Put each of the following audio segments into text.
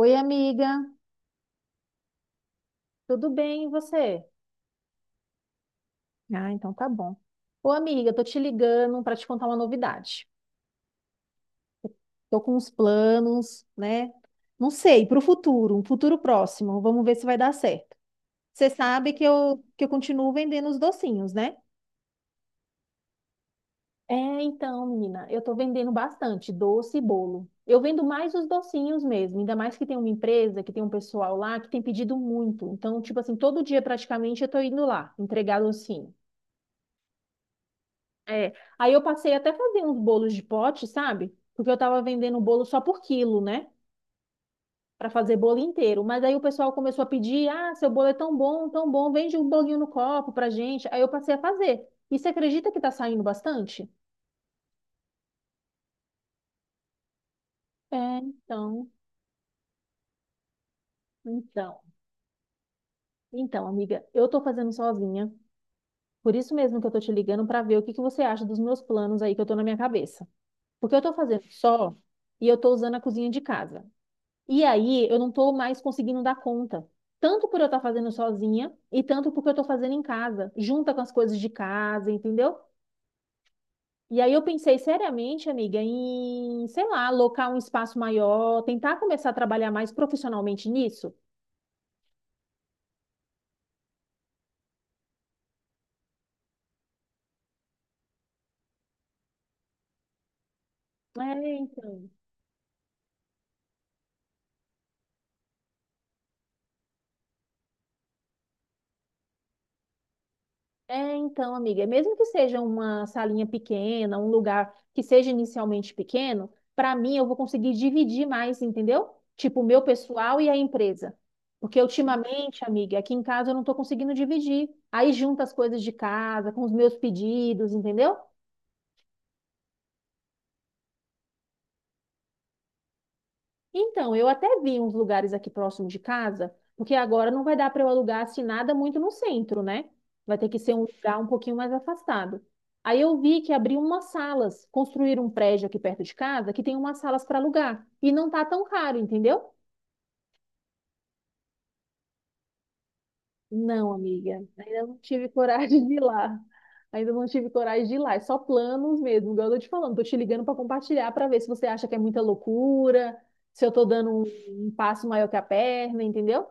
Oi, amiga, tudo bem e você? Ah, então tá bom. Ô, amiga, tô te ligando para te contar uma novidade. Tô com uns planos, né? Não sei, para o futuro, um futuro próximo. Vamos ver se vai dar certo. Você sabe que eu continuo vendendo os docinhos, né? É, então, menina, eu tô vendendo bastante doce e bolo. Eu vendo mais os docinhos mesmo, ainda mais que tem uma empresa, que tem um pessoal lá que tem pedido muito. Então, tipo assim, todo dia praticamente eu tô indo lá entregar docinho. É. Aí eu passei até a fazer uns bolos de pote, sabe? Porque eu tava vendendo bolo só por quilo, né? Pra fazer bolo inteiro. Mas aí o pessoal começou a pedir: ah, seu bolo é tão bom, vende um bolinho no copo pra gente. Aí eu passei a fazer. E você acredita que tá saindo bastante? É, então. Então, amiga, eu tô fazendo sozinha. Por isso mesmo que eu tô te ligando pra ver o que que você acha dos meus planos aí que eu tô na minha cabeça. Porque eu tô fazendo só e eu tô usando a cozinha de casa. E aí eu não estou mais conseguindo dar conta. Tanto por eu estar fazendo sozinha e tanto porque eu estou fazendo em casa, junta com as coisas de casa, entendeu? E aí eu pensei seriamente, amiga, em, sei lá, alocar um espaço maior, tentar começar a trabalhar mais profissionalmente nisso. É, então. É, então, amiga, mesmo que seja uma salinha pequena, um lugar que seja inicialmente pequeno, para mim eu vou conseguir dividir mais, entendeu? Tipo, o meu pessoal e a empresa. Porque ultimamente, amiga, aqui em casa eu não estou conseguindo dividir. Aí junta as coisas de casa com os meus pedidos, entendeu? Então, eu até vi uns lugares aqui próximo de casa, porque agora não vai dar para eu alugar assim nada muito no centro, né? Vai ter que ser um lugar um pouquinho mais afastado. Aí eu vi que abriram umas salas, construíram um prédio aqui perto de casa que tem umas salas para alugar e não tá tão caro, entendeu? Não, amiga, ainda não tive coragem de ir lá. Ainda não tive coragem de ir lá, é só planos mesmo, igual eu tô te falando, tô te ligando para compartilhar para ver se você acha que é muita loucura, se eu tô dando um passo maior que a perna, entendeu?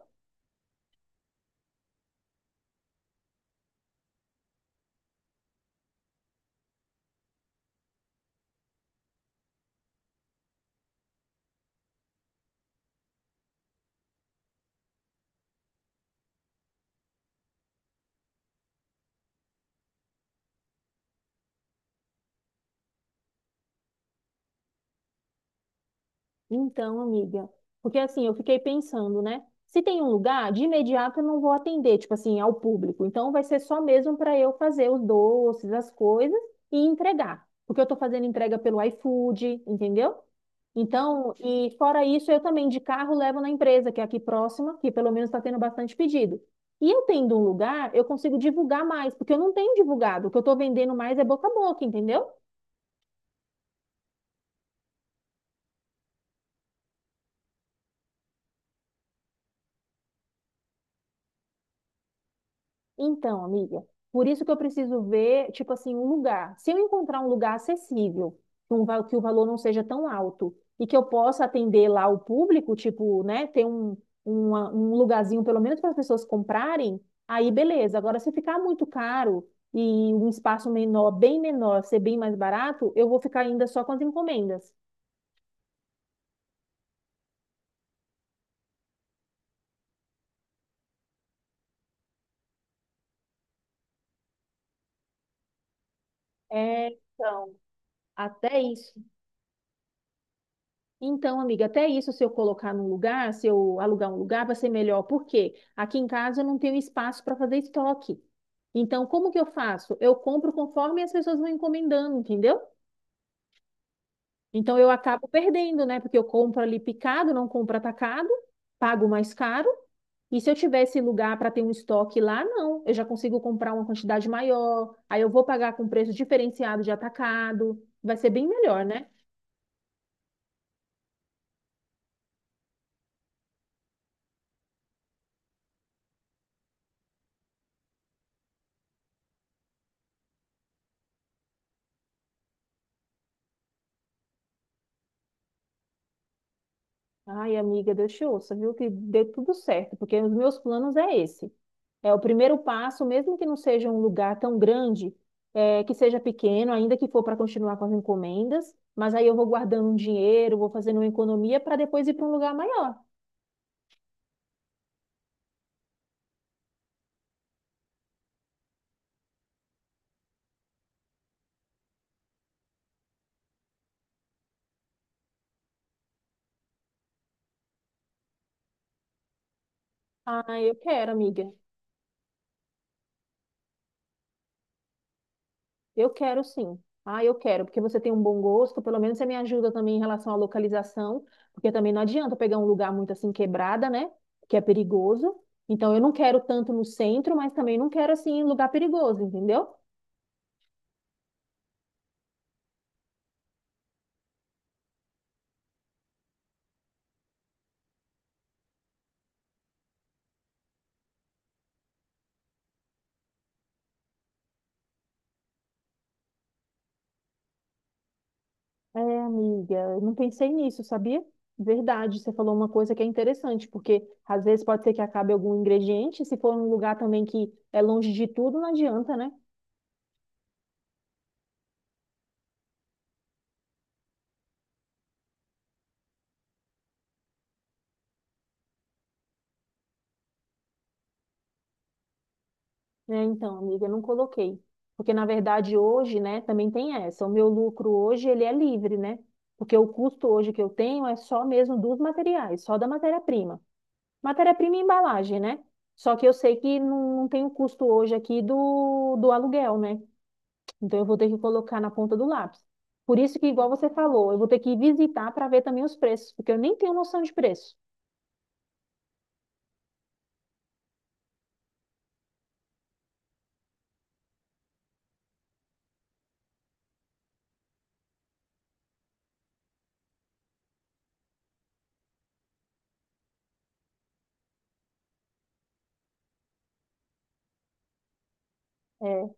Então, amiga, porque assim, eu fiquei pensando, né? Se tem um lugar, de imediato eu não vou atender, tipo assim, ao público. Então vai ser só mesmo para eu fazer os doces, as coisas e entregar. Porque eu tô fazendo entrega pelo iFood, entendeu? Então, e fora isso, eu também de carro levo na empresa, que é aqui próxima, que pelo menos está tendo bastante pedido. E eu tendo um lugar, eu consigo divulgar mais, porque eu não tenho divulgado. O que eu estou vendendo mais é boca a boca, entendeu? Então, amiga, por isso que eu preciso ver, tipo assim, um lugar. Se eu encontrar um lugar acessível, que, um, que o valor não seja tão alto e que eu possa atender lá o público, tipo, né, ter um lugarzinho pelo menos para as pessoas comprarem, aí beleza. Agora, se ficar muito caro e um espaço menor, bem menor, ser bem mais barato, eu vou ficar ainda só com as encomendas. É, então, até isso. Então, amiga, até isso, se eu colocar num lugar, se eu alugar um lugar, vai ser melhor. Por quê? Aqui em casa eu não tenho espaço para fazer estoque. Então, como que eu faço? Eu compro conforme as pessoas vão encomendando, entendeu? Então, eu acabo perdendo, né? Porque eu compro ali picado, não compro atacado, pago mais caro. E se eu tivesse lugar para ter um estoque lá, não. Eu já consigo comprar uma quantidade maior. Aí eu vou pagar com preço diferenciado de atacado. Vai ser bem melhor, né? Ai, amiga, Deus te ouça, viu? Que dê tudo certo, porque os meus planos é esse. É o primeiro passo, mesmo que não seja um lugar tão grande, é, que seja pequeno, ainda que for para continuar com as encomendas, mas aí eu vou guardando um dinheiro, vou fazendo uma economia para depois ir para um lugar maior. Ai, eu quero, amiga. Eu quero sim. Ah, eu quero, porque você tem um bom gosto, pelo menos você me ajuda também em relação à localização, porque também não adianta pegar um lugar muito assim quebrada, né? Que é perigoso. Então eu não quero tanto no centro, mas também não quero assim em lugar perigoso, entendeu? É, amiga, eu não pensei nisso, sabia? Verdade, você falou uma coisa que é interessante, porque às vezes pode ser que acabe algum ingrediente, se for um lugar também que é longe de tudo, não adianta, né? É, então, amiga, eu não coloquei. Porque, na verdade, hoje, né, também tem essa. O meu lucro hoje, ele é livre, né? Porque o custo hoje que eu tenho é só mesmo dos materiais, só da matéria-prima. Matéria-prima e embalagem, né? Só que eu sei que não tem o custo hoje aqui do aluguel, né? Então, eu vou ter que colocar na ponta do lápis. Por isso que, igual você falou, eu vou ter que visitar para ver também os preços, porque eu nem tenho noção de preço. É,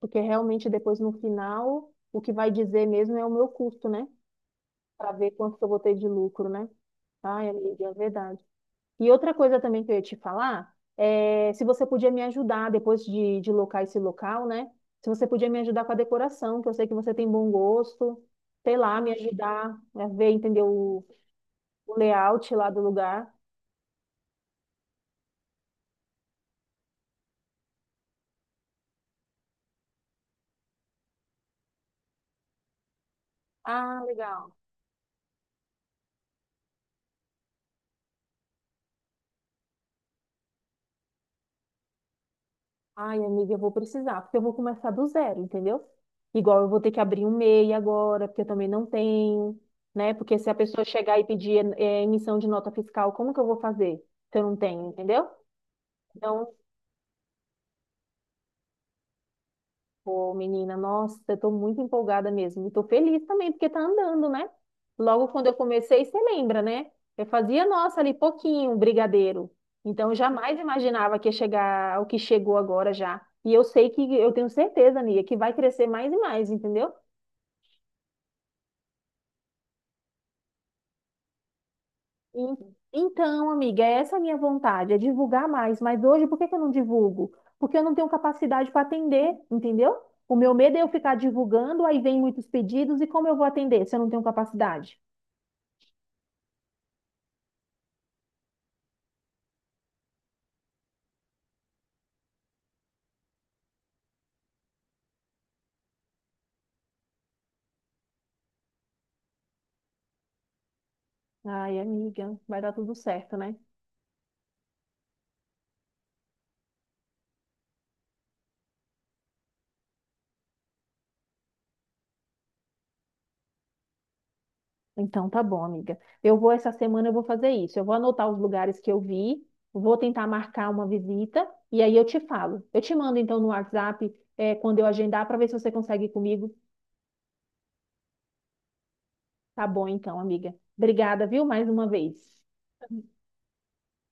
porque realmente depois no final, o que vai dizer mesmo é o meu custo, né? Para ver quanto que eu vou ter de lucro, né? Ai, amiga, é verdade. E outra coisa também que eu ia te falar é se você podia me ajudar depois de locar esse local, né? Se você podia me ajudar com a decoração, que eu sei que você tem bom gosto, sei lá, me ajudar a ver, entender o layout lá do lugar. Ah, legal. Ai, amiga, eu vou precisar, porque eu vou começar do zero, entendeu? Igual eu vou ter que abrir um MEI agora, porque eu também não tenho, né? Porque se a pessoa chegar e pedir emissão de nota fiscal, como que eu vou fazer se eu não tenho, entendeu? Então, pô, menina, nossa, eu tô muito empolgada mesmo. E tô feliz também, porque tá andando, né? Logo quando eu comecei, você lembra, né? Eu fazia, nossa, ali pouquinho, um brigadeiro. Então, eu jamais imaginava que ia chegar ao que chegou agora já. E eu sei que, eu tenho certeza, amiga, que vai crescer mais e mais, entendeu? E- Então, amiga, essa é a minha vontade, é divulgar mais. Mas hoje, por que que eu não divulgo? Porque eu não tenho capacidade para atender, entendeu? O meu medo é eu ficar divulgando, aí vem muitos pedidos, e como eu vou atender se eu não tenho capacidade? Ai, amiga, vai dar tudo certo, né? Então tá bom, amiga. Eu vou essa semana, eu vou fazer isso. Eu vou anotar os lugares que eu vi, vou tentar marcar uma visita e aí eu te falo. Eu te mando então no WhatsApp, é, quando eu agendar, para ver se você consegue ir comigo. Tá bom então, amiga. Obrigada, viu? Mais uma vez.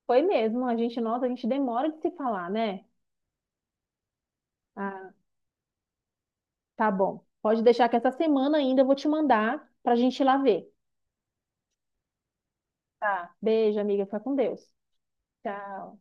Foi mesmo, a gente, nossa, a gente demora de se falar, né? Ah, tá bom. Pode deixar que essa semana ainda eu vou te mandar pra gente ir lá ver. Tá. Beijo, amiga. Fica com Deus. Tchau.